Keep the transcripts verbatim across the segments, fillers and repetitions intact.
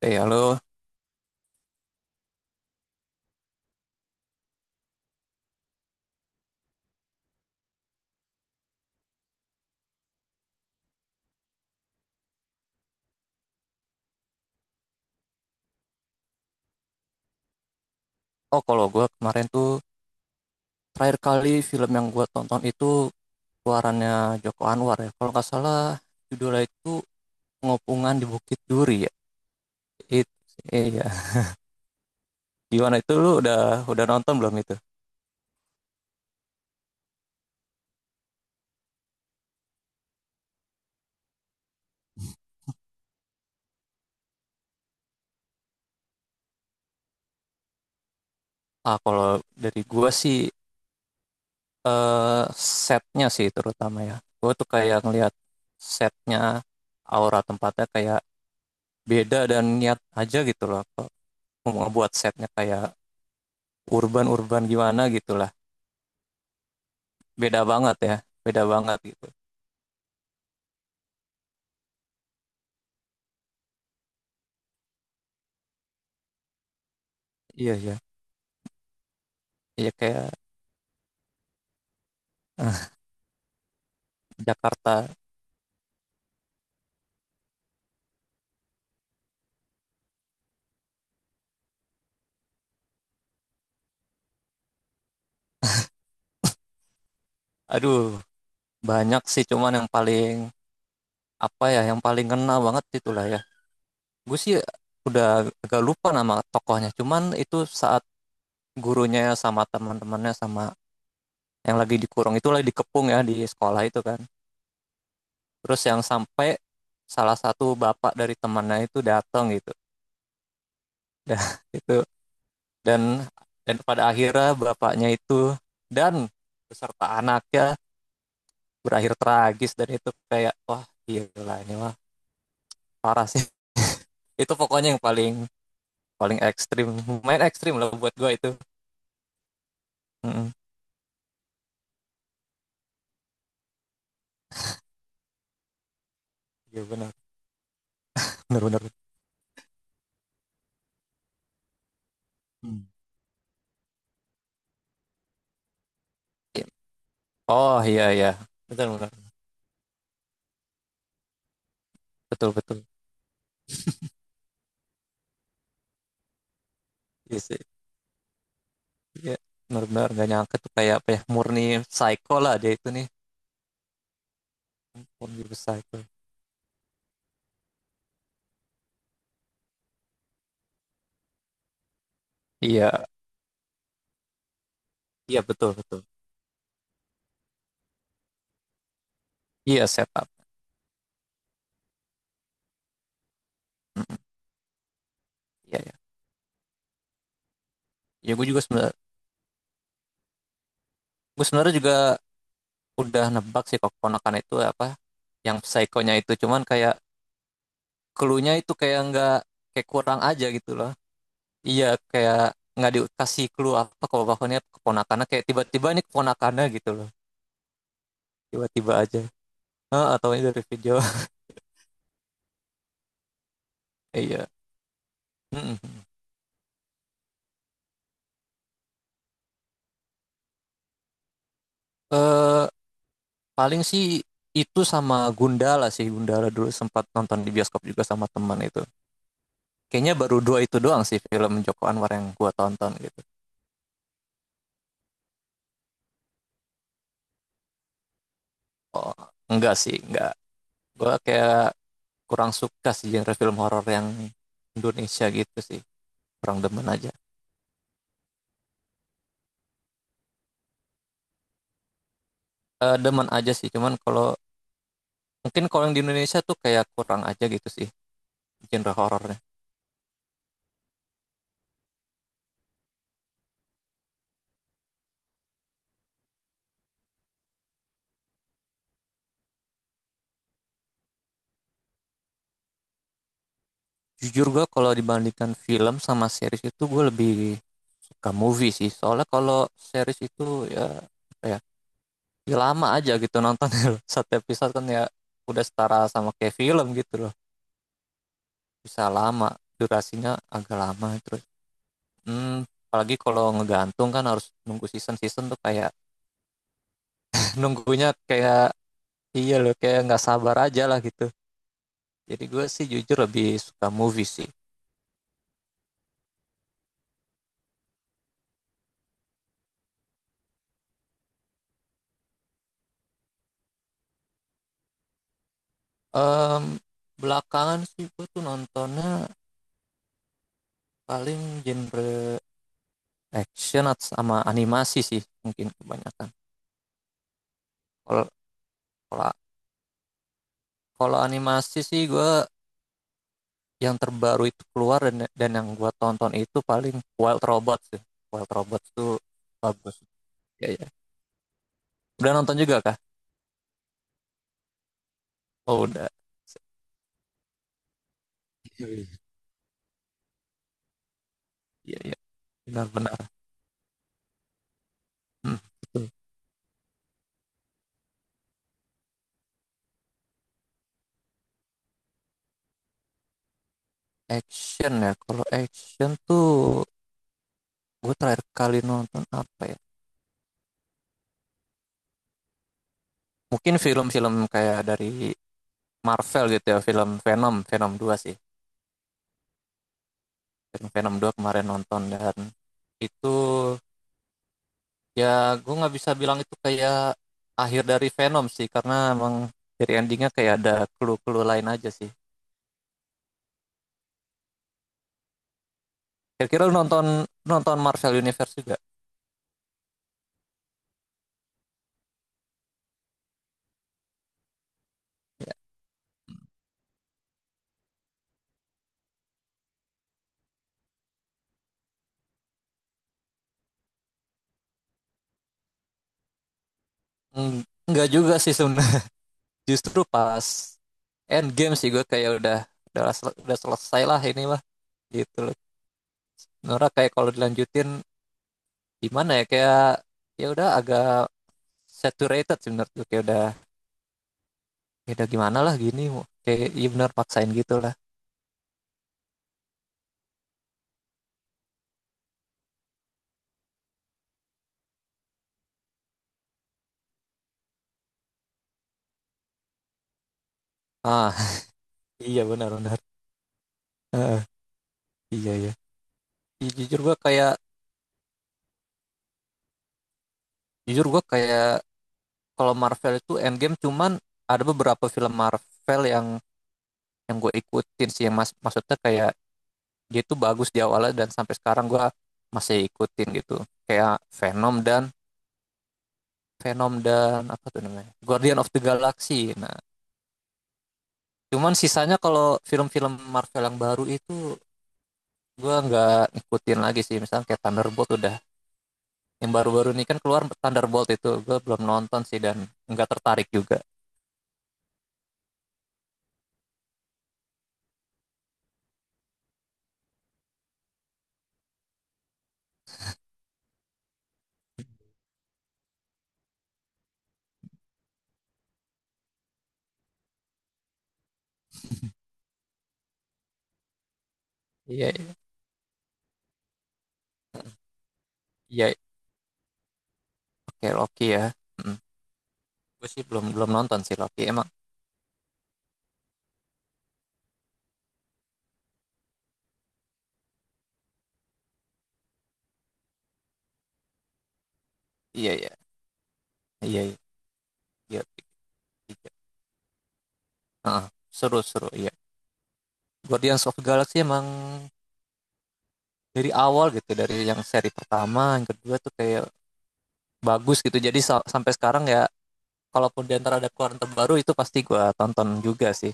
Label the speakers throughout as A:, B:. A: Eh, halo. Oh, kalau gue kemarin tuh terakhir kali film yang gue tonton itu keluarannya Joko Anwar ya. Kalau nggak salah judulnya itu Pengopungan di Bukit Duri ya. Itu sih, iya. Gimana itu, lu udah udah nonton belum itu? Ah, kalau dari gue sih eh, setnya sih terutama ya. Gue tuh kayak ngelihat setnya, aura tempatnya kayak beda dan niat aja gitu loh. Mau ngebuat setnya kayak urban-urban gimana gitu lah. Beda banget ya. Beda banget gitu. Iya, iya. Iya kayak eh, Jakarta. Aduh, banyak sih, cuman yang paling apa ya, yang paling kena banget itulah ya. Gue sih udah agak lupa nama tokohnya. Cuman itu saat gurunya sama teman-temannya sama yang lagi dikurung, itu lagi dikepung ya di sekolah itu kan. Terus yang sampai salah satu bapak dari temannya itu datang gitu. Dah itu dan dan pada akhirnya bapaknya itu dan beserta anaknya berakhir tragis, dan itu kayak wah gila ini mah parah sih. Itu pokoknya yang paling paling ekstrim, main ekstrim lah buat gua itu. Mm-mm. Iya, benar benar benar. Hmm. Oh iya, iya, benar benar, betul betul. Iya sih, iya, benar benar, nggak nyangka tuh, kayak apa ya, murni psycho lah dia itu nih. Murni psycho. Iya iya, betul betul. Iya, setup. Iya iya, ya gua juga sebenarnya, gua sebenarnya juga udah nebak sih kok keponakan itu, apa yang psikonya itu, cuman kayak clue-nya itu kayak nggak, kayak kurang aja gitu loh. Iya, kayak nggak dikasih clue apa, kalau bahkannya keponakannya kayak tiba-tiba ini keponakannya gitu loh. Tiba-tiba aja. Heeh, atau ini dari video. Iya. Mm-mm. eh paling sih itu sama Gundala sih, Gundala dulu sempat nonton di bioskop juga sama teman itu. Kayaknya baru dua itu doang sih film Joko Anwar yang gua tonton gitu. Oh enggak sih, enggak. Gua kayak kurang suka sih genre film horor yang Indonesia gitu sih. Kurang demen aja. Eh, demen aja sih cuman kalau mungkin kalau yang di Indonesia tuh kayak kurang aja gitu sih genre horornya. Jujur gue kalau dibandingkan film sama series, itu gue lebih suka movie sih, soalnya kalau series itu ya apa ya, ya lama aja gitu nonton. Satu episode kan ya udah setara sama kayak film gitu loh, bisa lama durasinya, agak lama. Terus hmm, apalagi kalau ngegantung kan harus nunggu season season tuh kayak nunggunya kayak, iya loh, kayak nggak sabar aja lah gitu. Jadi gue sih jujur lebih suka movie sih. Em, Belakangan sih gue tuh nontonnya paling genre action atau sama animasi sih mungkin kebanyakan. Kalau kalau kalau animasi sih gue yang terbaru itu keluar dan dan yang gue tonton itu paling Wild Robot sih. Wild Robot tuh bagus. Ya ya. Udah nonton juga kah? Oh udah. Iya iya. Benar-benar. Hmm. Action ya. Kalau action tuh gue terakhir kali nonton apa ya? Mungkin film-film kayak dari Marvel gitu ya, film Venom, Venom dua sih. Film Venom dua kemarin nonton, dan itu ya gue nggak bisa bilang itu kayak akhir dari Venom sih, karena emang dari endingnya kayak ada clue-clue lain aja sih. Kira-kira lu nonton nonton Marvel Universe juga? Eng- nggak juga sih sebenarnya. Justru pas Endgame sih gue kayak udah, udah sel- udah selesai lah ini mah, gitu loh. Nora kayak kalau dilanjutin gimana ya, kayak ya udah agak saturated sih menurut, kayak udah, ya udah gimana lah gini, kayak iya benar paksain gitulah. Ah iya benar benar. Heeh, iya iya. Iya, jujur gue kayak, jujur gue kayak kalau Marvel itu Endgame, cuman ada beberapa film Marvel yang yang gue ikutin sih, yang mas maksudnya kayak dia tuh bagus di awalnya dan sampai sekarang gue masih ikutin gitu. Kayak Venom dan Venom dan apa tuh namanya, Guardian of the Galaxy, nah, cuman sisanya kalau film-film Marvel yang baru itu gue nggak ngikutin lagi sih, misalnya kayak Thunderbolt. Udah, yang baru-baru ini kan keluar Thunderbolt itu gue belum nonton sih, dan nggak tertarik juga. Iya iya, oke, okay, Loki ya. Mm. Gue sih belum, belum nonton sih Loki emang. Iya iya iya, iya iya iya. Ah, seru seru, iya. Guardians of the Galaxy emang dari awal gitu, dari yang seri pertama yang kedua tuh kayak bagus gitu, jadi sa- sampai sekarang ya kalaupun di antara ada keluaran terbaru itu pasti gue tonton juga sih.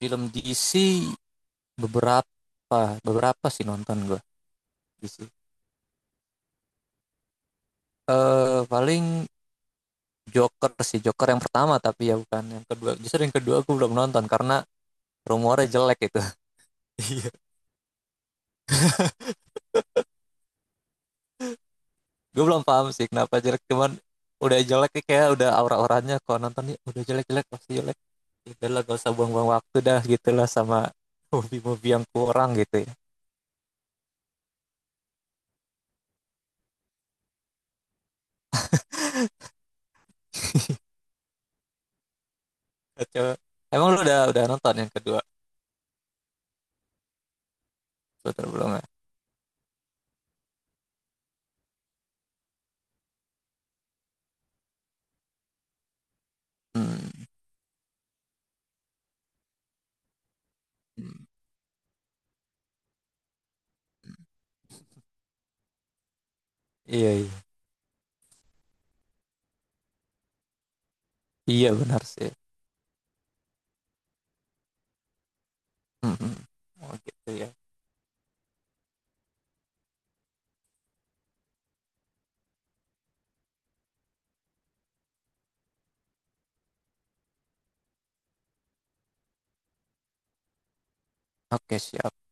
A: Film D C? Beberapa, beberapa sih nonton gue. D C eh paling Joker sih, Joker yang pertama. Tapi ya bukan yang kedua, justru yang kedua gue belum nonton karena rumornya jelek itu. Iya. Gue belum paham sih kenapa jelek, cuman udah jelek, kayak udah aura-auranya kalau nonton ya udah jelek-jelek pasti jelek. Udah gak usah buang-buang waktu dah gitulah sama movie-movie yang kurang gitu ya. Emang lu udah udah nonton yang kedua? Betul, belum ya? Hmm. Hmm. Iya, iya. Iya benar sih. Hmm. Hmm. Oh gitu ya. Oke, siap.